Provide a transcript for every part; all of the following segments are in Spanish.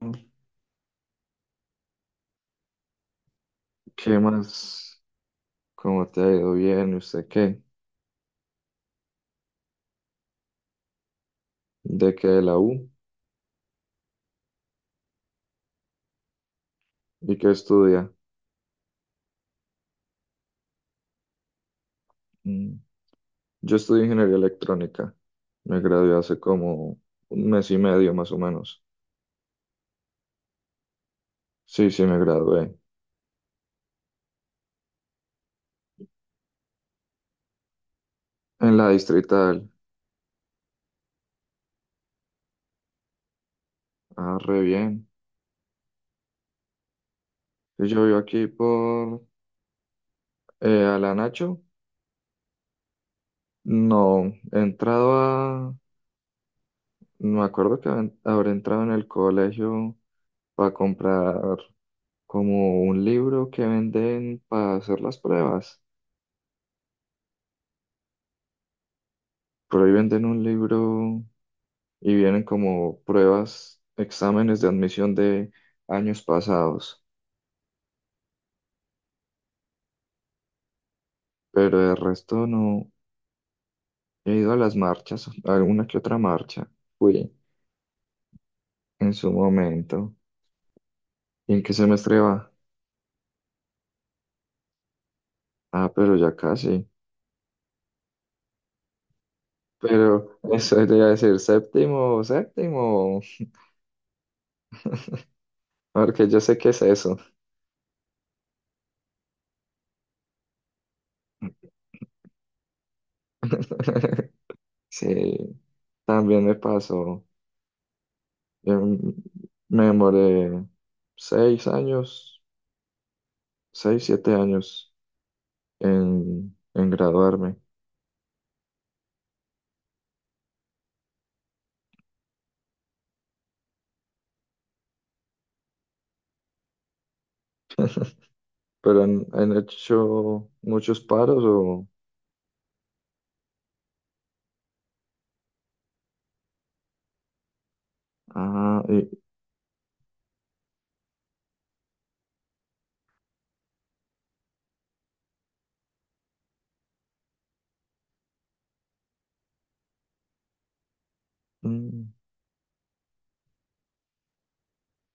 ¿Qué más? ¿Cómo te ha ido bien? ¿Y usted qué? ¿De qué? ¿De la U? ¿Y qué estudia? Mm, Yo estudio ingeniería electrónica. Me gradué hace como un mes y medio más o menos. Sí, sí, me gradué. En la Distrital. Ah, re bien. Y yo vivo aquí por Alanacho. No, he entrado a, no me acuerdo, que habré entrado en el colegio para comprar como un libro que venden para hacer las pruebas. Por ahí venden un libro y vienen como pruebas, exámenes de admisión de años pasados, pero de resto no he ido a las marchas, a alguna que otra marcha. Fui en su momento. ¿Y en qué semestre va? Ah, pero ya casi. Pero eso te iba a decir, séptimo, séptimo, porque yo sé qué es eso. Sí, también me pasó. Em, Me demoré 6 años, 6, 7 años en graduarme. Pero han hecho muchos paros o. Ah. Mm,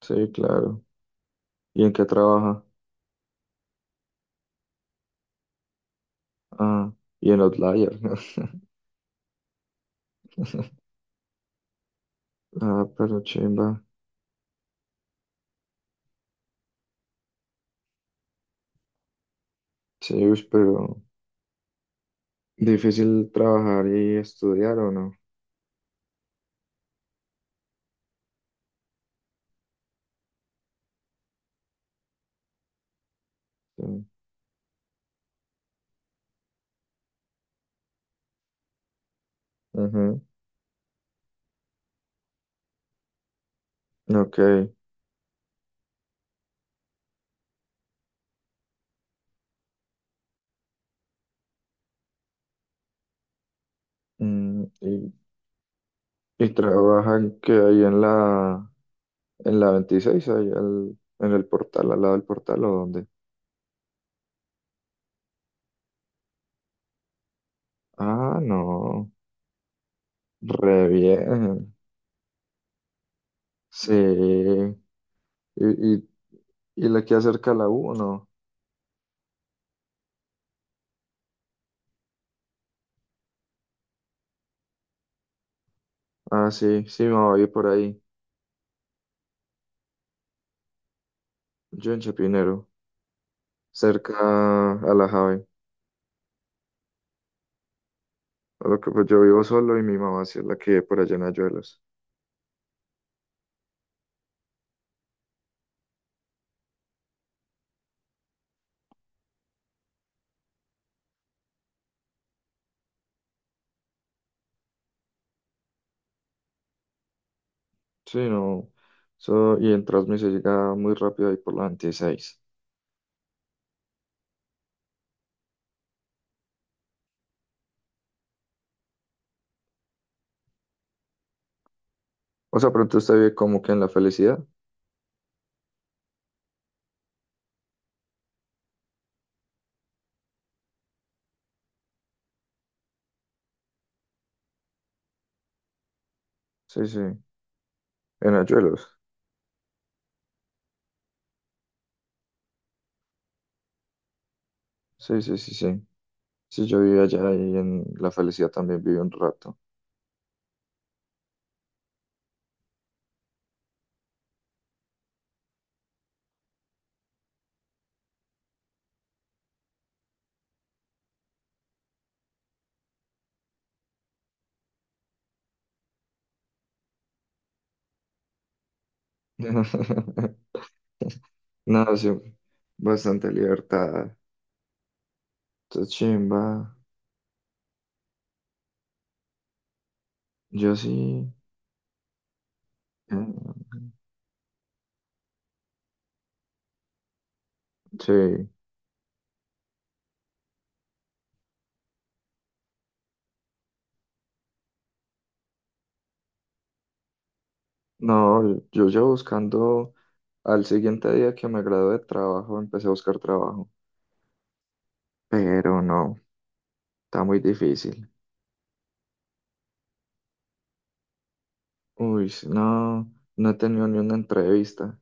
sí, claro. ¿Y en qué trabaja? Ah, y en Outlier. Ah, pero chimba. Sí, ush, pero difícil trabajar y estudiar o no. Sí. Ujú. Ok. Mm, y, y trabajan que ahí en la 26 ahí en el portal, al lado del portal, o dónde. Ah, no. Re bien, sí. Y, y la que acerca a la U o no? Ah, sí, sí, me voy a por ahí. Yo en Chapinero, cerca a la Jave. A lo que pues yo vivo solo y mi mamá sí es la que vive por allá en Ayuelos. Sí, no. So, y en Transmi se llega muy rápido ahí por la 26. O sea, pronto usted vive como que en La Felicidad. Sí, sí, en Ayuelos. Sí, sí, sí, sí. Sí, yo viví allá y en La Felicidad también viví un rato. No, sí, bastante libertad. Está chimba. Yo sí. eh, sí. No, yo buscando al siguiente día que me gradué de trabajo, empecé a buscar trabajo. Pero no, está muy difícil. Uy, sí, no, no he tenido ni una entrevista.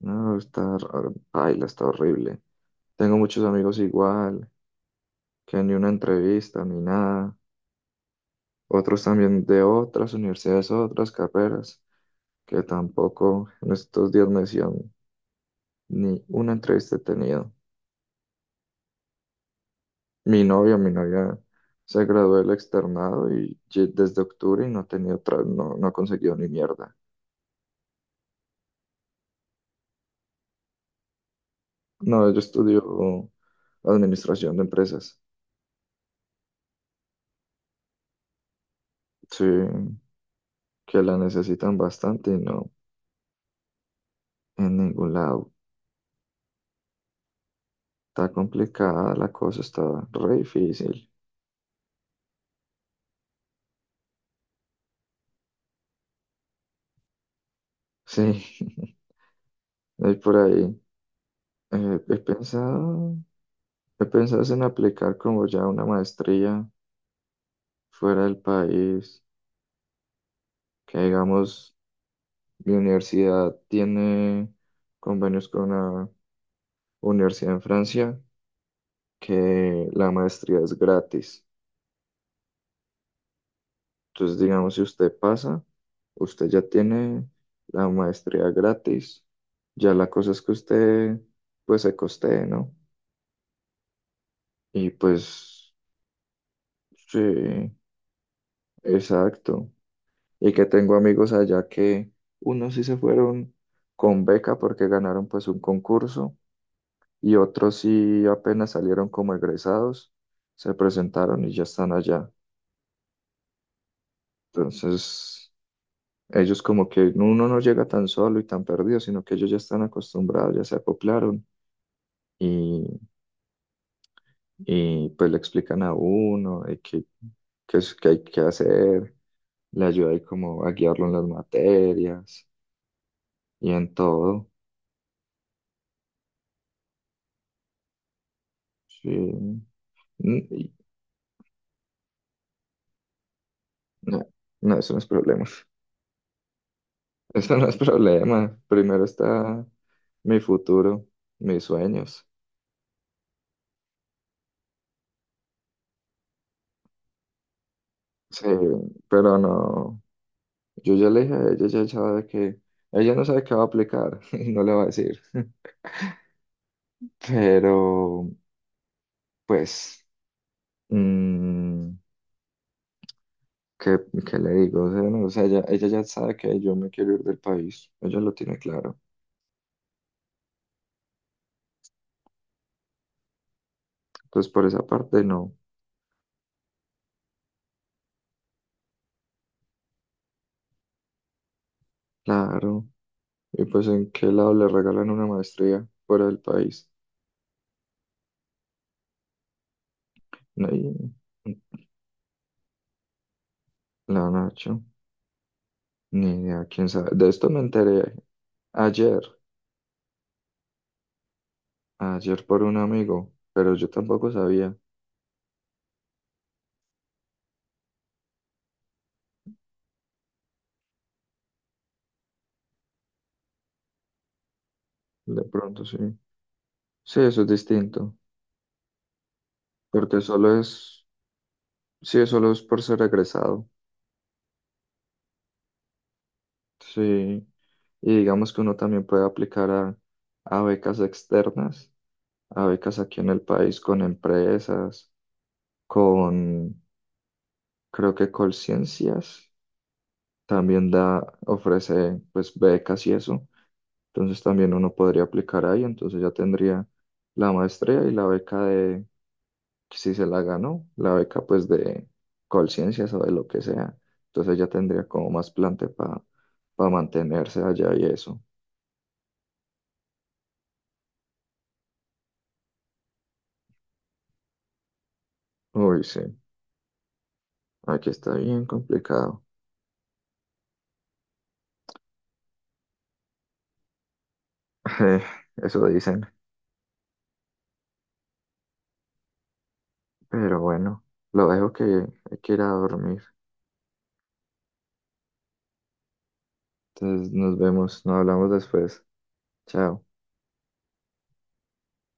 No, está, paila, está horrible. Tengo muchos amigos igual, que ni una entrevista, ni nada. Otros también de otras universidades, otras carreras. Que tampoco en estos días me decían ni una entrevista he tenido. Mi novia se graduó del Externado y desde octubre y no ha tenido otra, no, no ha conseguido ni mierda. No, yo estudio administración de empresas. Sí, que la necesitan bastante y no en ningún lado. Está complicada la cosa, está re difícil. Sí, hay por ahí. eh, he pensado, he pensado es en aplicar como ya una maestría fuera del país, que digamos, mi universidad tiene convenios con una universidad en Francia, que la maestría es gratis. Entonces, digamos, si usted pasa, usted ya tiene la maestría gratis. Ya la cosa es que usted, pues, se costee, ¿no? Y pues, sí, exacto. Y que tengo amigos allá que unos sí se fueron con beca porque ganaron pues un concurso, y otros sí apenas salieron como egresados, se presentaron y ya están allá. Entonces, ellos como que uno no llega tan solo y tan perdido, sino que ellos ya están acostumbrados, ya se acoplaron y, y pues le explican a uno qué es que hay que hacer, le ayuda ahí como a guiarlo en las materias y en todo. Sí. Y, no, no, eso no es problema. Eso no es problema. Primero está mi futuro, mis sueños. Sí, pero no. Yo ya le dije a ella, ella sabe que. Ella no sabe qué va a aplicar y no le va a decir. Pero, pues, mm, ¿qué, qué le digo? O sea, no, o sea, ella ya sabe que yo me quiero ir del país. Ella lo tiene claro. Entonces, por esa parte, no. Claro. Y pues, ¿en qué lado le regalan una maestría fuera del país? No, la Nacho. Ni idea, quién sabe. De esto me enteré ayer, ayer por un amigo, pero yo tampoco sabía. De pronto sí. Sí, eso es distinto, porque solo es, sí, solo es por ser egresado. Sí. Y digamos que uno también puede aplicar a becas externas, a becas aquí en el país con empresas, con, creo que Colciencias también da, ofrece pues becas y eso. Entonces también uno podría aplicar ahí, entonces ya tendría la maestría y la beca de, si se la ganó, la beca pues de Colciencias o de lo que sea. Entonces ya tendría como más plante para mantenerse allá y eso. Uy, sí, aquí está bien complicado. Eh, Eso dicen, pero bueno, lo dejo, que hay que ir a dormir. Entonces nos vemos, nos hablamos después. Chao.